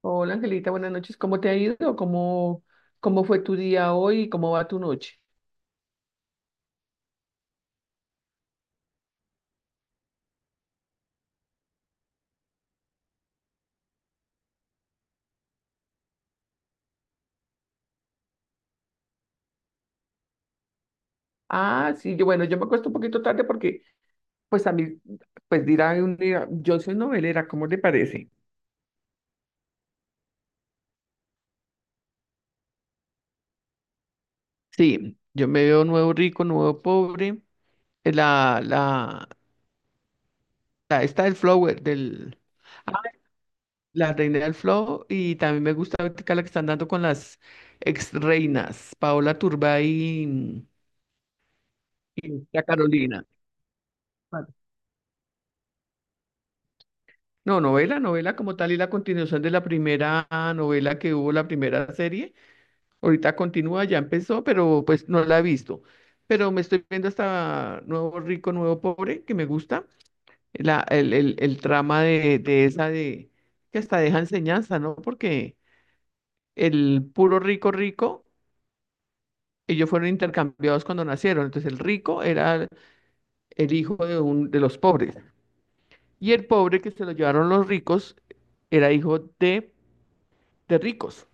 Hola Angelita, buenas noches. ¿Cómo te ha ido? ¿Cómo fue tu día hoy? ¿Cómo va tu noche? Ah, sí, bueno, yo me acuesto un poquito tarde porque, pues a mí, pues dirá un día, yo soy novelera, ¿cómo te parece? Sí, yo me veo nuevo rico, nuevo pobre. eh, La, la, Esta del flower, ah, la reina del flow. Y también me gusta ahorita la que están dando con las ex reinas, Paola Turbay y, y la Carolina. No, novela, novela como tal y la continuación de la primera novela que hubo, la primera serie. Ahorita continúa, ya empezó, pero pues no la he visto. Pero me estoy viendo hasta Nuevo Rico, Nuevo Pobre, que me gusta. El trama de esa de que hasta deja enseñanza, ¿no? Porque el puro rico rico, ellos fueron intercambiados cuando nacieron. Entonces el rico era el hijo de los pobres. Y el pobre que se lo llevaron los ricos era hijo de ricos.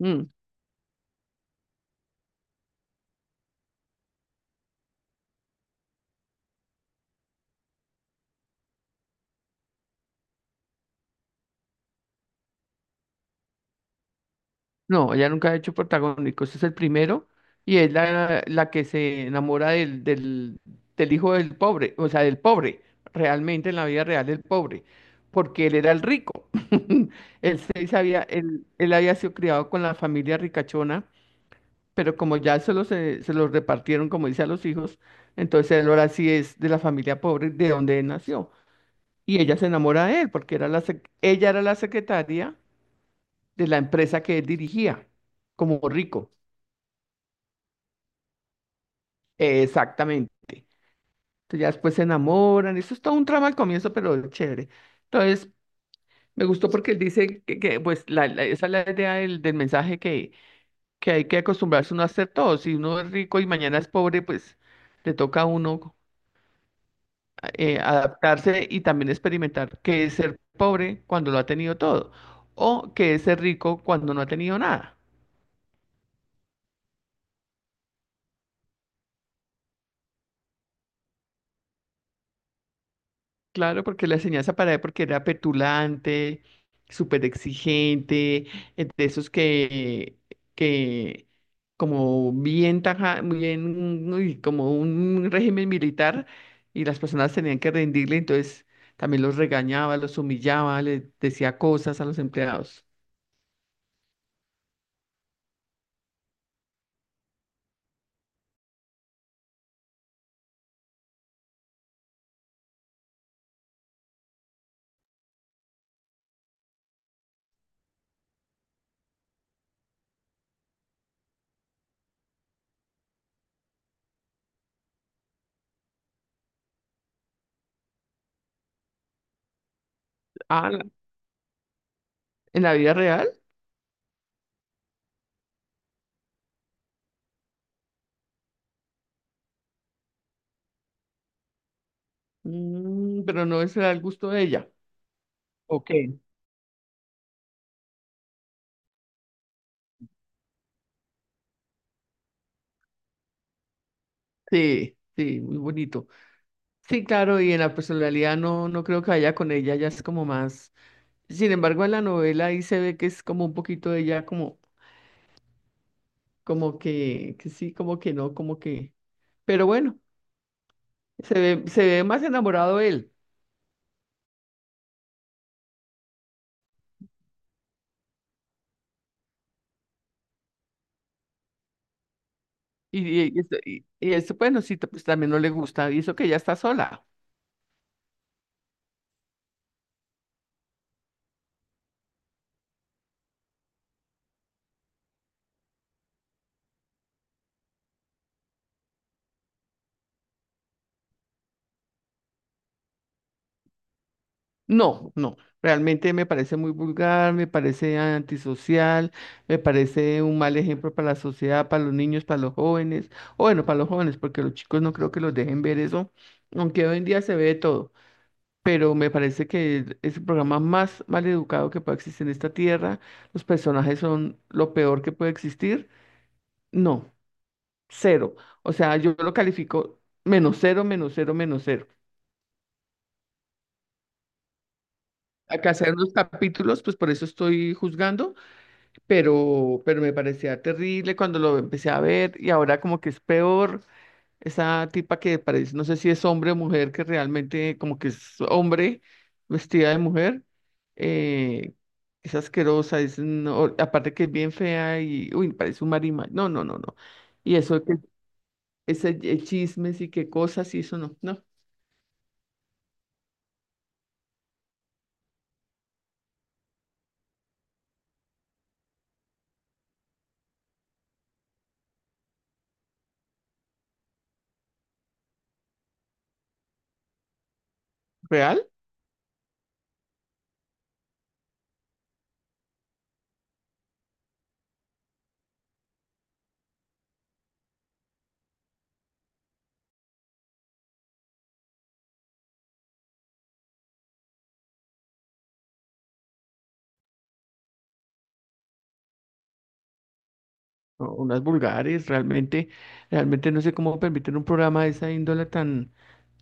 Mm. No, ella nunca ha hecho protagónico. Este es el primero y es la que se enamora del hijo del pobre, o sea, del pobre, realmente en la vida real del pobre, porque él era el rico. Se había, él había sido criado con la familia ricachona, pero como ya solo se los repartieron, como dice, a los hijos, entonces él ahora sí es de la familia pobre de donde él nació. Y ella se enamora de él, porque era ella era la secretaria de la empresa que él dirigía, como rico. Exactamente. Entonces ya después se enamoran. Eso es todo un trama al comienzo, pero es chévere. Entonces, me gustó porque él dice pues, esa es la idea del mensaje que hay que acostumbrarse uno a hacer todo. Si uno es rico y mañana es pobre, pues le toca a uno adaptarse y también experimentar qué es ser pobre cuando lo ha tenido todo o qué es ser rico cuando no ha tenido nada. Claro, porque la enseñanza para él, porque era petulante, súper exigente, de esos que como bien taja, muy bien, uy, como un régimen militar, y las personas tenían que rendirle, entonces también los regañaba, los humillaba, les decía cosas a los empleados. Ah, ¿en la vida real? Mm, pero no, eso era el gusto de ella. Ok. Sí, sí, muy bonito. Sí, claro, y en la personalidad no, no creo que vaya con ella, ya es como más. Sin embargo, en la novela ahí se ve que es como un poquito de ella, como, como que sí, como que no, como que. Pero bueno, se ve más enamorado él. Y, y esto, bueno, pues también no le gusta. Y eso que ella está sola. No, no, realmente me parece muy vulgar, me parece antisocial, me parece un mal ejemplo para la sociedad, para los niños, para los jóvenes, o bueno, para los jóvenes, porque los chicos no creo que los dejen ver eso, aunque hoy en día se ve de todo, pero me parece que es el programa más mal educado que puede existir en esta tierra, los personajes son lo peor que puede existir, no, cero, o sea, yo lo califico menos cero, menos cero, menos cero. Acá hacer unos capítulos, pues por eso estoy juzgando pero me parecía terrible cuando lo empecé a ver y ahora como que es peor esa tipa que parece, no sé si es hombre o mujer, que realmente como que es hombre vestida de mujer, eh, es asquerosa, es no- aparte que es bien fea y, uy, parece un marima, no, no, no, no, y eso de que ese chismes y qué cosas y eso no, no, real. O unas vulgares, realmente, realmente no sé cómo permiten un programa de esa índole tan,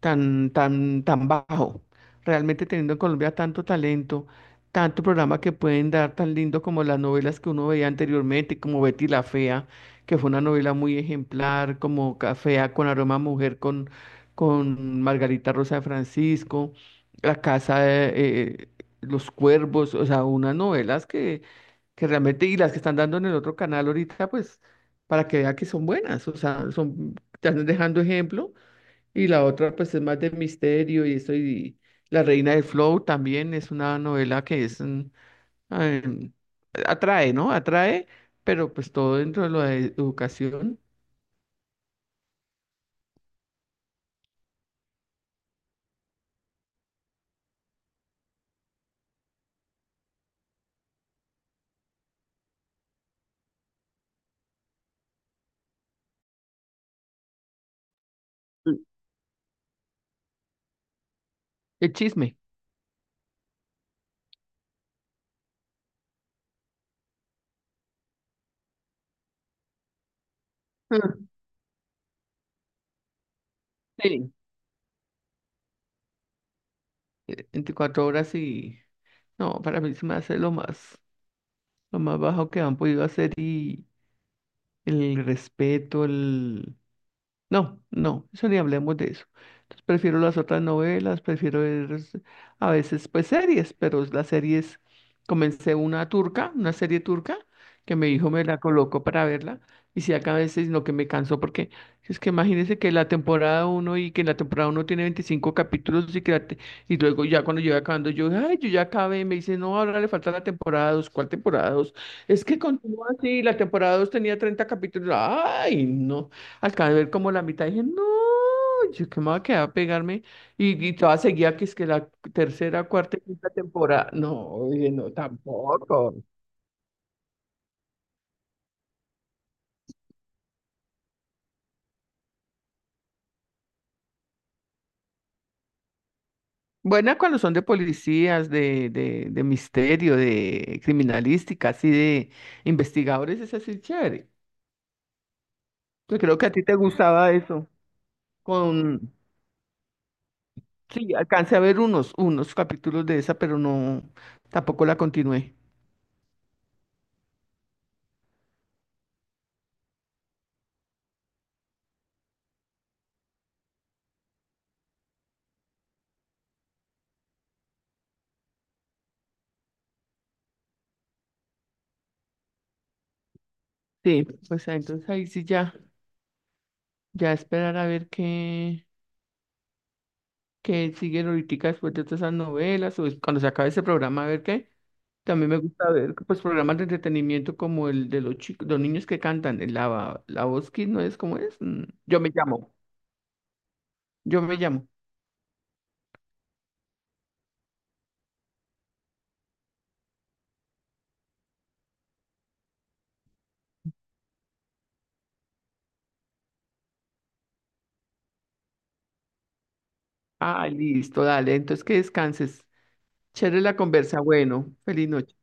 tan, tan, tan bajo. Realmente teniendo en Colombia tanto talento, tanto programa que pueden dar tan lindo como las novelas que uno veía anteriormente, como Betty la Fea, que fue una novela muy ejemplar, como Cafea con aroma a mujer con Margarita Rosa de Francisco, La Casa de eh, los Cuervos, o sea, unas novelas que realmente, y las que están dando en el otro canal ahorita, pues, para que vea que son buenas, o sea, son, te están dejando ejemplo, y la otra, pues, es más de misterio y eso, y La Reina del Flow también es una novela que es, em, atrae, ¿no? Atrae, pero pues todo dentro de la de educación. Mm. El chisme. Mm. Sí. 24 horas y, no, para mí se me hace lo más bajo que han podido hacer y el respeto, el. No, no, eso ni hablemos de eso. Entonces prefiero las otras novelas, prefiero ver a veces pues series, pero las series, comencé una turca, una serie turca, que mi hijo me la colocó para verla, y si acá a veces lo que me cansó, porque es que imagínense que la temporada uno y que la temporada uno tiene 25 capítulos y luego ya cuando llega acabando yo, ay, yo ya acabé, me dice, no, ahora le falta la temporada 2, ¿cuál temporada 2? Es que continúa así, la temporada 2 tenía 30 capítulos, ay, no. Acabé de ver como la mitad, y dije, no, yo qué me voy a quedar a pegarme. Y todavía seguía que es que la tercera, cuarta y quinta temporada. No, dije, no, tampoco. Buena cuando son de policías, de misterio, de criminalística, así de investigadores, es así chévere. Yo creo que a ti te gustaba eso. Con, sí, alcancé a ver unos, unos capítulos de esa, pero no, tampoco la continué. Sí, pues ah, entonces ahí sí ya, ya esperar a ver qué. Que siguen ahorita después de todas esas novelas cuando se acabe ese programa, a ver qué. También me gusta ver pues programas de entretenimiento como el de los chicos, los niños que cantan, la voz Kids, ¿no es como es? Mm, Yo me llamo, yo me llamo. Ah, listo, dale, entonces que descanses. Chévere la conversa, bueno, feliz noche.